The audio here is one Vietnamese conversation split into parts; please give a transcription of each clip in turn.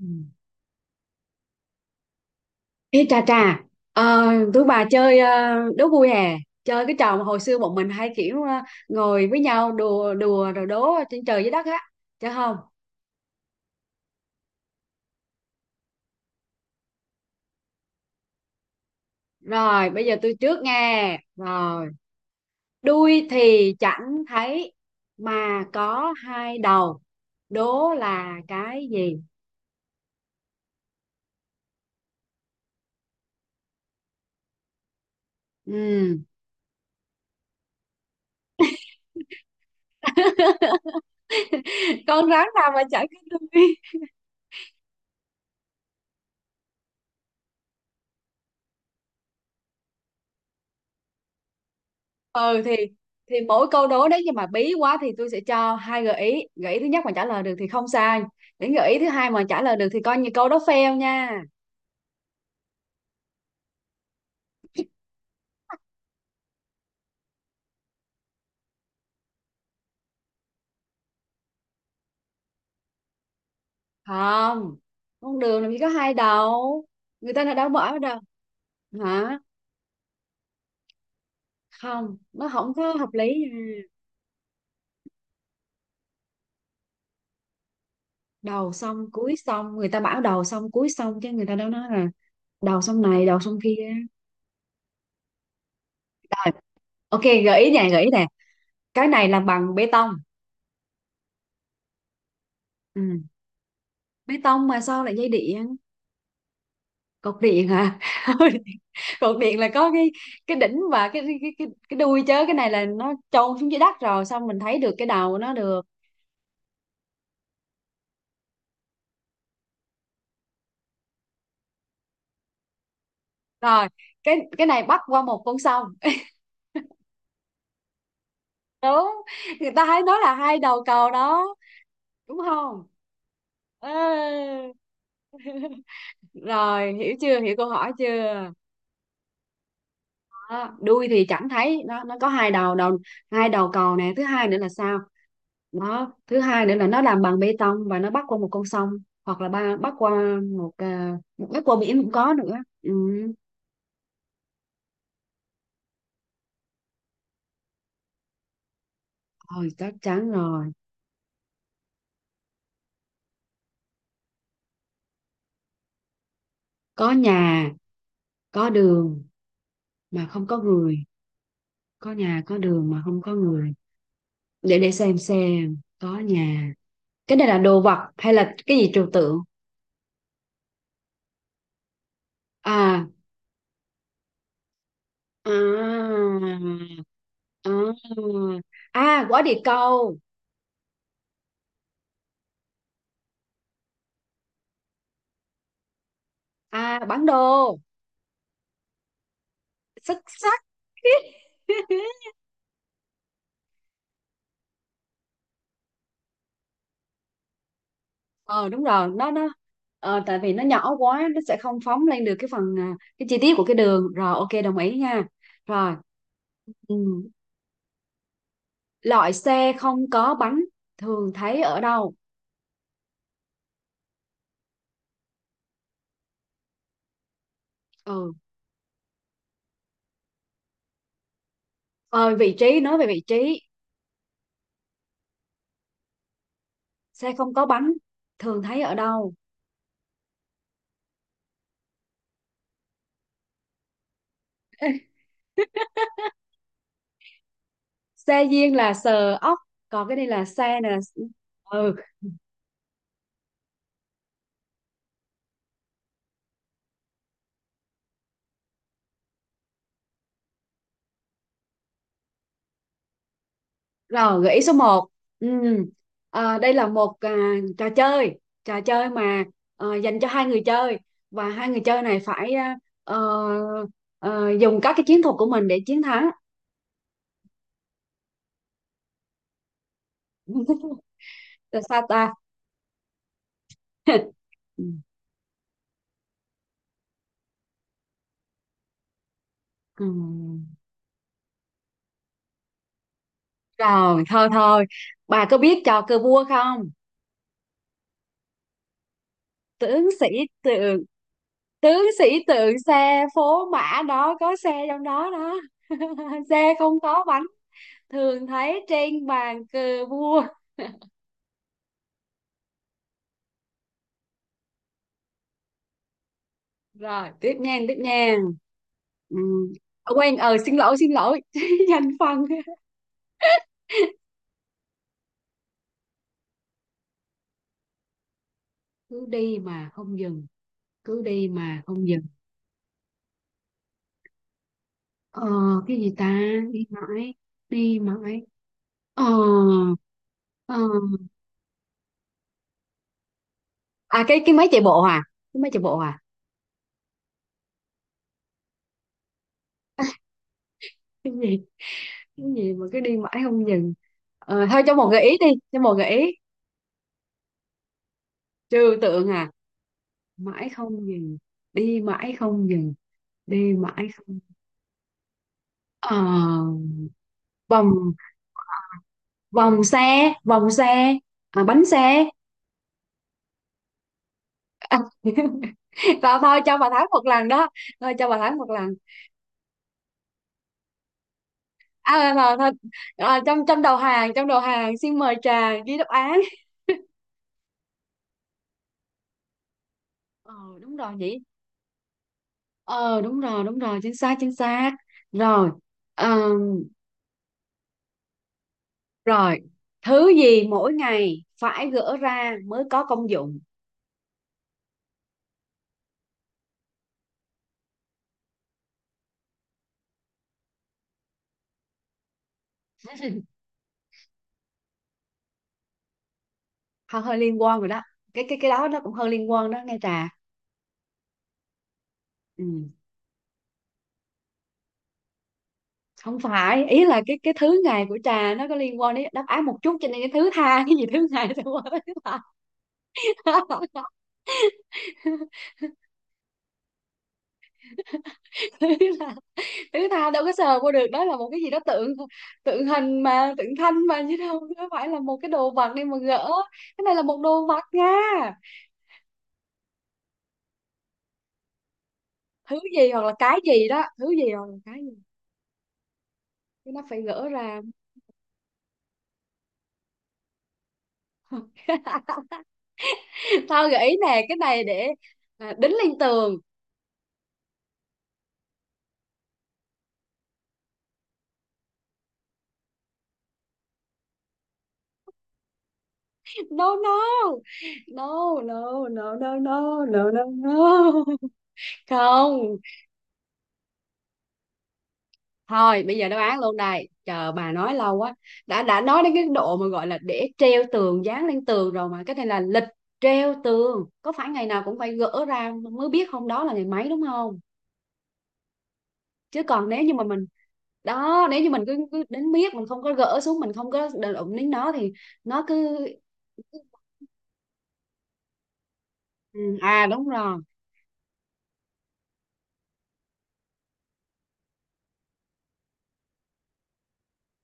Ừ. Ê trà trà, ờ, tụi bà chơi đố vui hè, chơi cái trò mà hồi xưa bọn mình hay kiểu ngồi với nhau đùa đùa rồi đố trên trời dưới đất á, chứ không? Rồi, bây giờ tôi trước nghe. Rồi, đuôi thì chẳng thấy mà có hai đầu, đố là cái gì? Ừ. Con rắn nào mà chẳng có đuôi? Ừ thì mỗi câu đố đấy nhưng mà bí quá thì tôi sẽ cho hai gợi ý, gợi ý thứ nhất mà trả lời được thì không sai, đến gợi ý thứ hai mà trả lời được thì coi như câu đó fail nha. Không, con đường làm gì có hai đầu, người ta đã bỏ đâu. Hả? Không, nó không có hợp lý nha. Đầu xong cuối xong, người ta bảo đầu xong cuối xong chứ người ta đâu nói là đầu xong này đầu xong kia. Rồi, ok gợi ý nè gợi ý nè, cái này làm bằng bê tông. Ừ. Bê tông mà sao lại dây điện. Cột điện hả? cột điện là có cái đỉnh và cái đuôi chớ, cái này là nó chôn xuống dưới đất rồi xong mình thấy được cái đầu nó được. Rồi, cái này bắc qua một con sông. đúng, người ta hay nói là hai đầu cầu đó, đúng không? Ê. rồi, hiểu chưa, hiểu câu hỏi chưa? Đó, đuôi thì chẳng thấy, nó có hai đầu, đầu hai đầu cầu nè. Thứ hai nữa là sao, đó thứ hai nữa là nó làm bằng bê tông và nó bắc qua một con sông, hoặc là ba bắc qua một một bắc qua biển cũng có nữa. Ừ. Rồi, chắc chắn rồi. Có nhà, có đường mà không có người. Có nhà có đường mà không có người, để xem, có nhà. Cái này là đồ vật hay là cái gì trừu tượng? à à, À, quả địa cầu. À, bản đồ. Xuất sắc. ờ đúng rồi, nó ờ, tại vì nó nhỏ quá nó sẽ không phóng lên được cái phần cái chi tiết của cái đường. Rồi ok đồng ý nha. Rồi. Ừ. Loại xe không có bánh thường thấy ở đâu? Ừ. Ờ, vị trí, nói về vị trí. Xe không có bánh thường thấy ở đâu. Xe duyên là sờ ốc, còn cái này là xe nè. Ừ. Rồi gợi ý số một, ừ. Đây là một à, trò chơi, trò chơi mà ờ, dành cho hai người chơi và hai người chơi này phải ờ, ờ, dùng các cái chiến thuật của mình để chiến thắng. là sao ta. Ừ. Rồi thôi thôi, bà có biết trò cờ vua không? Tướng sĩ tượng, tướng sĩ tượng xe phố mã đó, có xe trong đó đó. xe không có bánh thường thấy trên bàn cờ vua. Rồi tiếp nha tiếp nha. Ừ. Quên, xin lỗi xin lỗi, danh phân. Cứ đi mà không dừng. Cứ đi mà không dừng. ờ cái gì ta. Đi mãi, đi mãi. ờ ờ À, cái máy chạy bộ à, cái máy chạy bộ à. cái gì mà cứ đi mãi không dừng? Ờ, thôi cho một gợi ý đi, cho một gợi ý. Trừu tượng à? Mãi không dừng, đi mãi không dừng, đi mãi không. ờ, Vòng, vòng xe, vòng xe. À, bánh xe. À, thôi thôi cho bà Thái một lần đó, thôi cho bà Thái một lần. À, thôi, thôi. À, trong trong đầu hàng, trong đầu hàng xin mời trà ghi đáp án. Ờ đúng rồi nhỉ. Ờ đúng rồi đúng rồi, chính xác chính xác. Rồi. Ờ, rồi, thứ gì mỗi ngày phải gỡ ra mới có công dụng? Hơi hơi liên quan rồi đó. Cái cái đó nó cũng hơi liên quan đó nghe Trà. Ừ. Không phải, ý là cái thứ ngày của Trà nó có liên quan đến đáp án một chút cho nên cái thứ tha, cái gì thứ ngày thì qua thứ tha. Thứ là thứ tha đâu có sờ qua được, đó là một cái gì đó tượng, tượng hình mà tượng thanh mà chứ đâu có phải là một cái đồ vật đi mà gỡ. Cái này là một đồ vật nha. Thứ gì hoặc là cái gì đó, thứ gì hoặc là cái gì. Cái nó phải gỡ ra. tao gợi ý nè, cái này để đính lên tường. No no no no no no no no no no. Không, thôi bây giờ đáp án luôn, đây chờ bà nói lâu quá. Đã nói đến cái độ mà gọi là để treo tường, dán lên tường rồi, mà cái này là lịch treo tường, có phải ngày nào cũng phải gỡ ra mới biết hôm đó là ngày mấy, đúng không? Chứ còn nếu như mà mình, đó nếu như mình cứ, cứ đến biết mình không có gỡ xuống, mình không có đụng đến nó thì nó cứ. Ừ, à đúng rồi.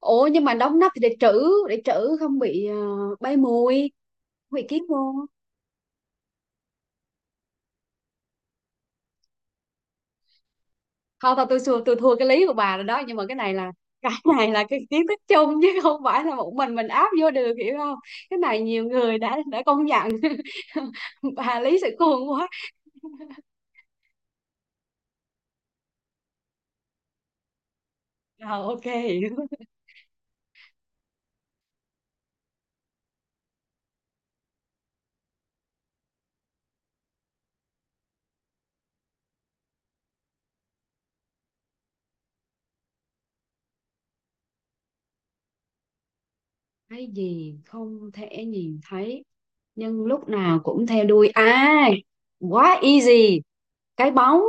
Ủa nhưng mà đóng nắp thì để trữ, để trữ không bị ờ, bay mùi, không bị kiến vô. Thôi thôi tôi xua, tôi thua cái lý của bà rồi đó, nhưng mà cái này là, cái này là cái kiến thức chung chứ không phải là một mình áp vô được, hiểu không? Cái này nhiều người đã công nhận. bà lý sự khôn quá. Rồi ok. Cái gì không thể nhìn thấy nhưng lúc nào cũng theo đuôi à? Quá easy, cái bóng.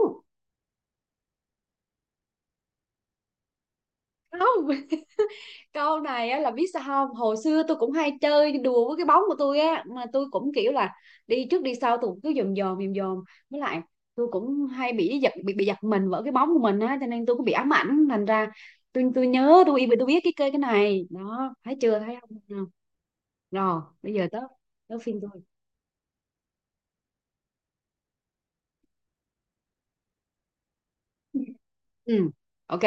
Không, câu này á, là biết sao không, hồi xưa tôi cũng hay chơi đùa với cái bóng của tôi á, mà tôi cũng kiểu là đi trước đi sau, tôi cũng cứ dòm dòm dòm dòm, với lại tôi cũng hay bị giật, bị giật mình vỡ cái bóng của mình á, cho nên tôi cũng bị ám ảnh thành ra tôi nhớ, tôi biết cái cây cái này đó, thấy chưa thấy không. Rồi bây giờ tới, tới phiên tôi. Ừ. Ok.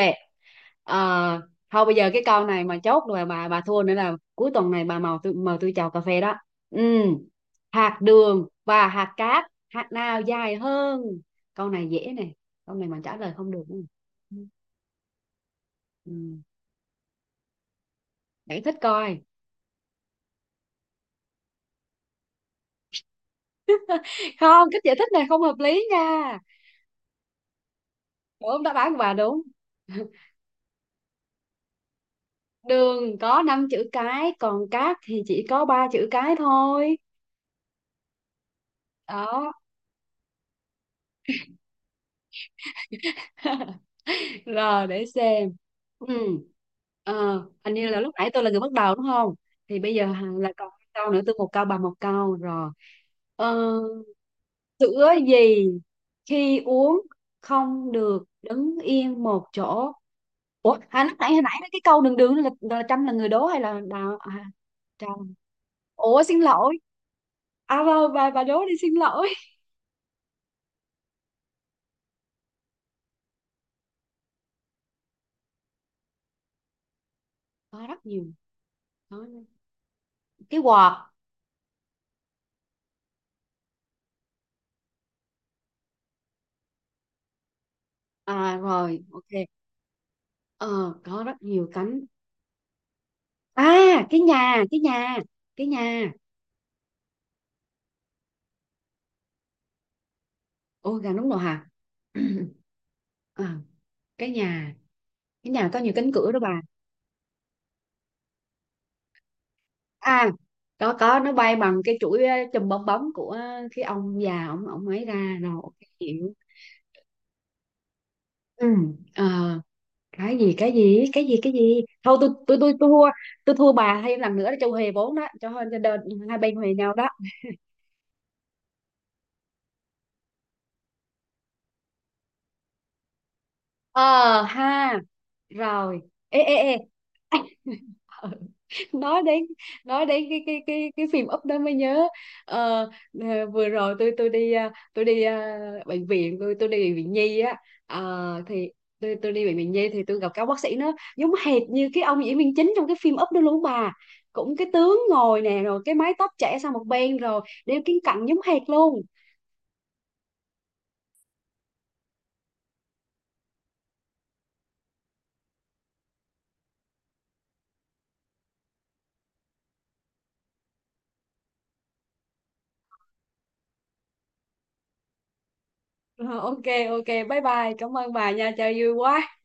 Ờ, thôi bây giờ cái câu này mà chốt rồi bà thua nữa là cuối tuần này bà mời tôi, mời tôi chào cà phê đó. Ừ. Hạt đường và hạt cát, hạt nào dài hơn? Câu này dễ nè, câu này mà trả lời không được nữa. Ừ. Giải thích coi. Không, cách giải thích này không hợp lý nha. Đúng, đáp án của bà đúng. đường có 5 chữ cái còn cát thì chỉ có ba chữ cái thôi. Đó. rồi để xem. Ừ. Ờ, hình như là lúc nãy tôi là người bắt đầu đúng không? Thì bây giờ hằng là còn hai câu nữa, tôi một câu bà một câu rồi. Ờ, sữa gì khi uống không được đứng yên một chỗ? Ủa, lúc nãy hồi nãy cái câu đường đường là Trâm là người đố hay là đào à, Trâm? Ủa xin lỗi. À vâng, bà đố đi, xin lỗi. Có rất nhiều. Có cái quạt. À rồi, ok. Ờ, có rất nhiều cánh, à cái nhà cái nhà, cái nhà. Ôi gà nướng nồi hả. à, cái nhà, cái nhà có nhiều cánh cửa đó bà. À có, nó bay bằng cái chuỗi ờ, chùm bong bóng của cái ông già, ông ấy ra. Rồi ok, hiểu. Ừ. Ờ, cái gì thôi tôi thua. Tôi thua bà thêm lần nữa để cho huề vốn đó, cho hai cho đôi- hai bên huề nhau đó. Ờ ha. Rồi. Ê ê ê. Ờ, nói đến, nói đến cái phim Up đó mới nhớ. Ờ, ờ, vừa rồi tôi đi à, tôi đi à, bệnh viện, tôi đi bệnh viện nhi á. Ờ, thì tôi đi bệnh viện nhi thì tôi gặp các bác sĩ nó giống hệt như cái ông diễn viên chính trong cái phim Up đó luôn bà, cũng cái tướng ngồi nè rồi cái mái tóc chảy sang một bên rồi đeo kính cận giống hệt luôn. Ờ, ok, ok bye bye cảm ơn bà nha, chơi vui quá.